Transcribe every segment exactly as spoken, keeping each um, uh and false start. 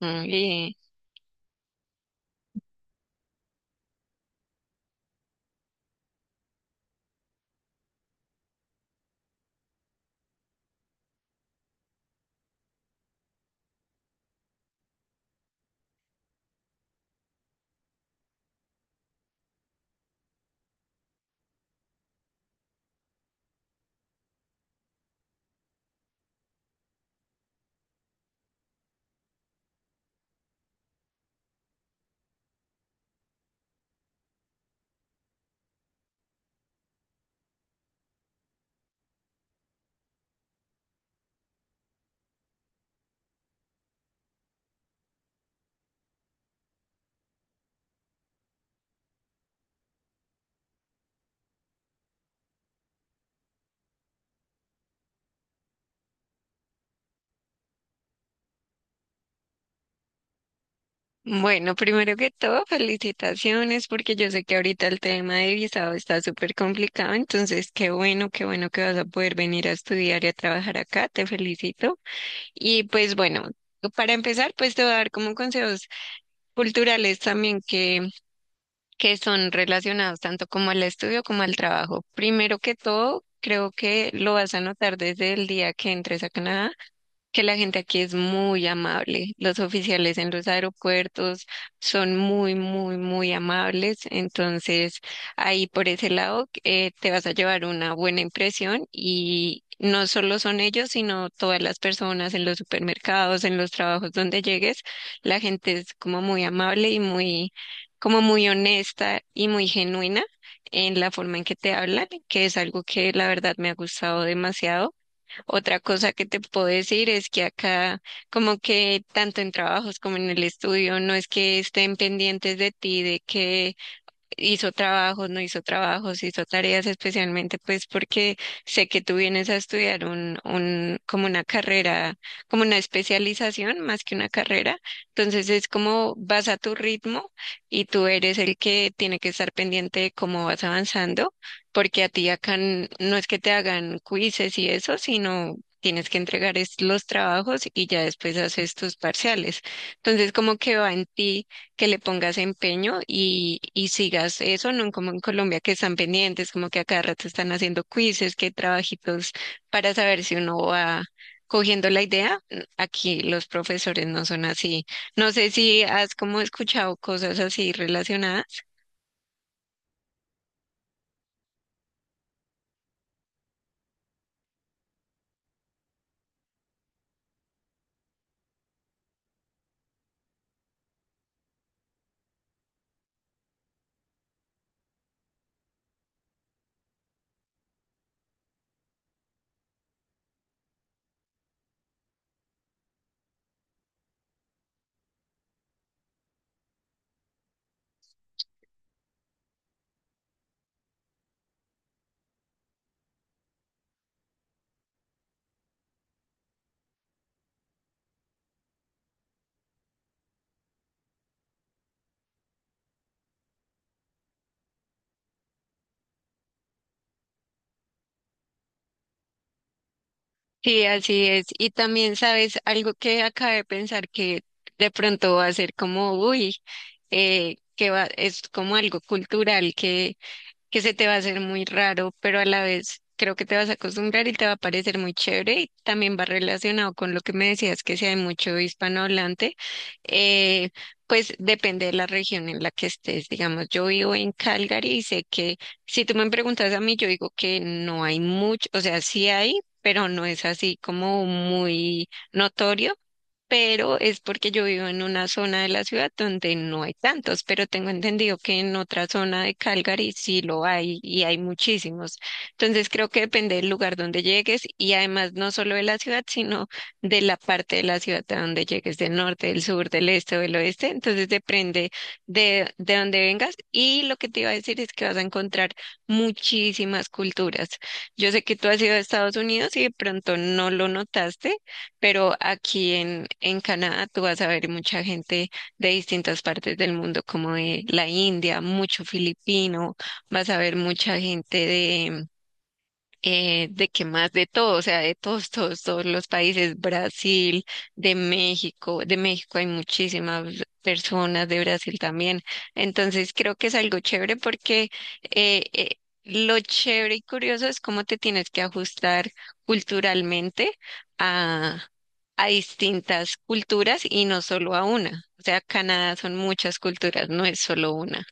Oye. Bueno, primero que todo, felicitaciones porque yo sé que ahorita el tema de visado está súper complicado, entonces qué bueno, qué bueno que vas a poder venir a estudiar y a trabajar acá, te felicito. Y pues bueno, para empezar, pues te voy a dar como consejos culturales también que, que son relacionados tanto como al estudio como al trabajo. Primero que todo, creo que lo vas a notar desde el día que entres a Canadá que la gente aquí es muy amable. Los oficiales en los aeropuertos son muy, muy, muy amables. Entonces, ahí por ese lado eh, te vas a llevar una buena impresión, y no solo son ellos, sino todas las personas en los supermercados, en los trabajos donde llegues. La gente es como muy amable y muy, como muy honesta y muy genuina en la forma en que te hablan, que es algo que la verdad me ha gustado demasiado. Otra cosa que te puedo decir es que acá, como que tanto en trabajos como en el estudio, no es que estén pendientes de ti, de que hizo trabajos, no hizo trabajos, hizo tareas, especialmente pues porque sé que tú vienes a estudiar un, un, como una carrera, como una especialización más que una carrera. Entonces es como vas a tu ritmo y tú eres el que tiene que estar pendiente de cómo vas avanzando, porque a ti acá n- no es que te hagan quizzes y eso, sino tienes que entregar es los trabajos y ya después haces tus parciales. Entonces, como que va en ti que le pongas empeño y, y sigas eso, no como en Colombia que están pendientes, como que a cada rato están haciendo quizzes, que trabajitos para saber si uno va cogiendo la idea. Aquí los profesores no son así. No sé si has como escuchado cosas así relacionadas. Sí, así es. Y también sabes algo que acabé de pensar que de pronto va a ser como, uy, eh, que va, es como algo cultural que que se te va a hacer muy raro, pero a la vez creo que te vas a acostumbrar y te va a parecer muy chévere, y también va relacionado con lo que me decías, que si hay mucho hispanohablante. eh, pues depende de la región en la que estés. Digamos, yo vivo en Calgary y sé que si tú me preguntas a mí, yo digo que no hay mucho, o sea, sí hay, pero no es así como muy notorio, pero es porque yo vivo en una zona de la ciudad donde no hay tantos, pero tengo entendido que en otra zona de Calgary sí lo hay y hay muchísimos. Entonces creo que depende del lugar donde llegues y además no solo de la ciudad, sino de la parte de la ciudad a donde llegues, del norte, del sur, del este o del oeste. Entonces depende de, de dónde vengas. Y lo que te iba a decir es que vas a encontrar muchísimas culturas. Yo sé que tú has ido a Estados Unidos y de pronto no lo notaste, pero aquí en, en Canadá tú vas a ver mucha gente de distintas partes del mundo, como de la India, mucho filipino, vas a ver mucha gente eh, de que más de todo, o sea, de todos, todos, todos los países, Brasil, de México, de México hay muchísimas personas, de Brasil también. Entonces creo que es algo chévere porque eh, eh, lo chévere y curioso es cómo te tienes que ajustar culturalmente a, a distintas culturas y no solo a una. O sea, Canadá son muchas culturas, no es solo una.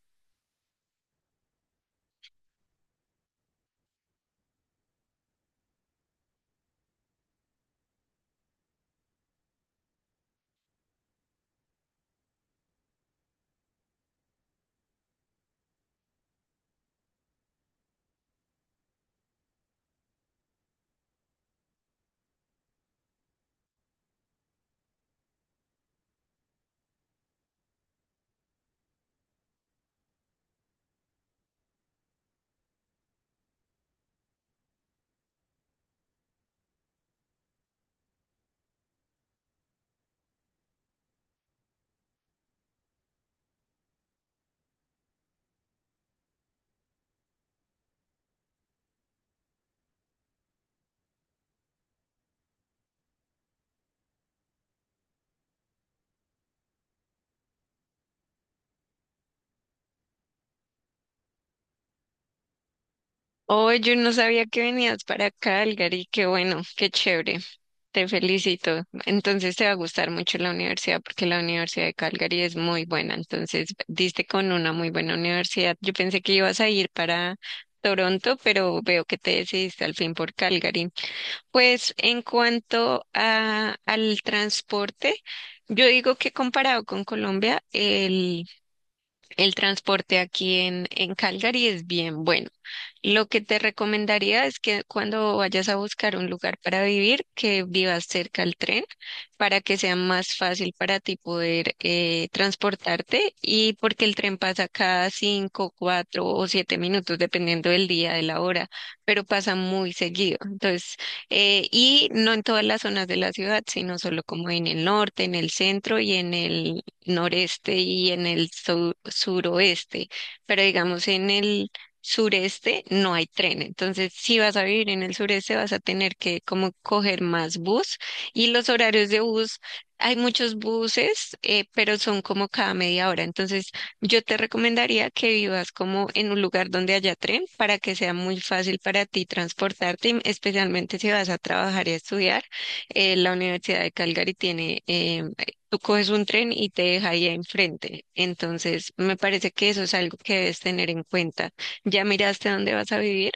Oh, yo no sabía que venías para Calgary, qué bueno, qué chévere. Te felicito. Entonces te va a gustar mucho la universidad porque la Universidad de Calgary es muy buena. Entonces diste con una muy buena universidad. Yo pensé que ibas a ir para Toronto, pero veo que te decidiste al fin por Calgary. Pues en cuanto a, al transporte, yo digo que comparado con Colombia, el el transporte aquí en, en Calgary es bien bueno. Lo que te recomendaría es que cuando vayas a buscar un lugar para vivir, que vivas cerca al tren para que sea más fácil para ti poder eh, transportarte, y porque el tren pasa cada cinco, cuatro o siete minutos, dependiendo del día, de la hora, pero pasa muy seguido. Entonces, eh, y no en todas las zonas de la ciudad, sino solo como en el norte, en el centro y en el noreste y en el su- suroeste, pero digamos en el sureste no hay tren, entonces si vas a vivir en el sureste vas a tener que como coger más bus. Y los horarios de bus, hay muchos buses, eh, pero son como cada media hora. Entonces yo te recomendaría que vivas como en un lugar donde haya tren, para que sea muy fácil para ti transportarte, y especialmente si vas a trabajar y a estudiar. Eh, la Universidad de Calgary tiene em, tú coges un tren y te deja ahí enfrente. Entonces, me parece que eso es algo que debes tener en cuenta. ¿Ya miraste dónde vas a vivir?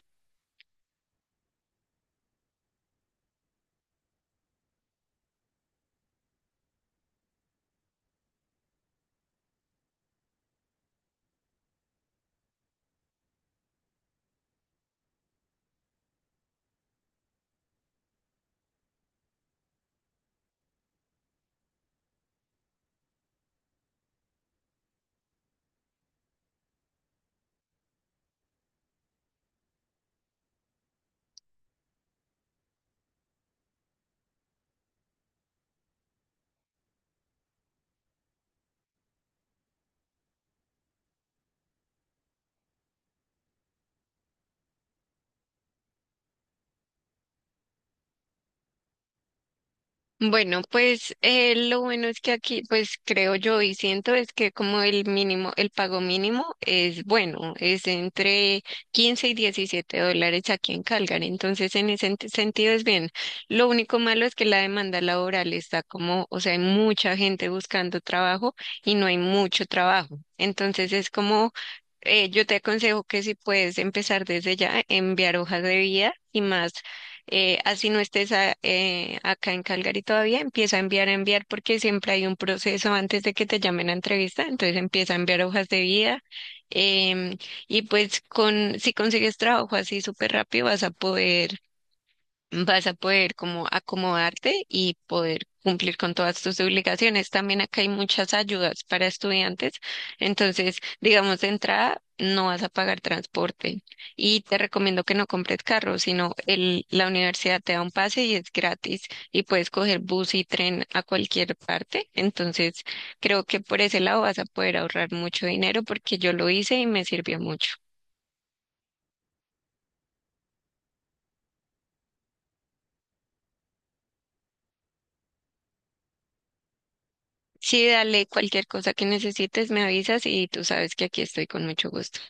Bueno, pues eh, lo bueno es que aquí, pues creo yo y siento es que como el mínimo, el pago mínimo es bueno, es entre quince y diecisiete dólares aquí en Calgary. Entonces, en ese ent- sentido es bien. Lo único malo es que la demanda laboral está como, o sea, hay mucha gente buscando trabajo y no hay mucho trabajo. Entonces, es como eh, yo te aconsejo que si puedes empezar desde ya, enviar hojas de vida y más, eh, así no estés a- eh, acá en Calgary todavía, empieza a enviar, a enviar, porque siempre hay un proceso antes de que te llamen a entrevista, entonces empieza a enviar hojas de vida. Em, y pues con, si consigues trabajo así súper rápido, vas a poder, vas a poder como acomodarte y poder cumplir con todas tus obligaciones. También acá hay muchas ayudas para estudiantes. Entonces, digamos, de entrada no vas a pagar transporte, y te recomiendo que no compres carro, sino el, la universidad te da un pase y es gratis, y puedes coger bus y tren a cualquier parte. Entonces, creo que por ese lado vas a poder ahorrar mucho dinero porque yo lo hice y me sirvió mucho. Sí, dale, cualquier cosa que necesites me avisas y tú sabes que aquí estoy con mucho gusto.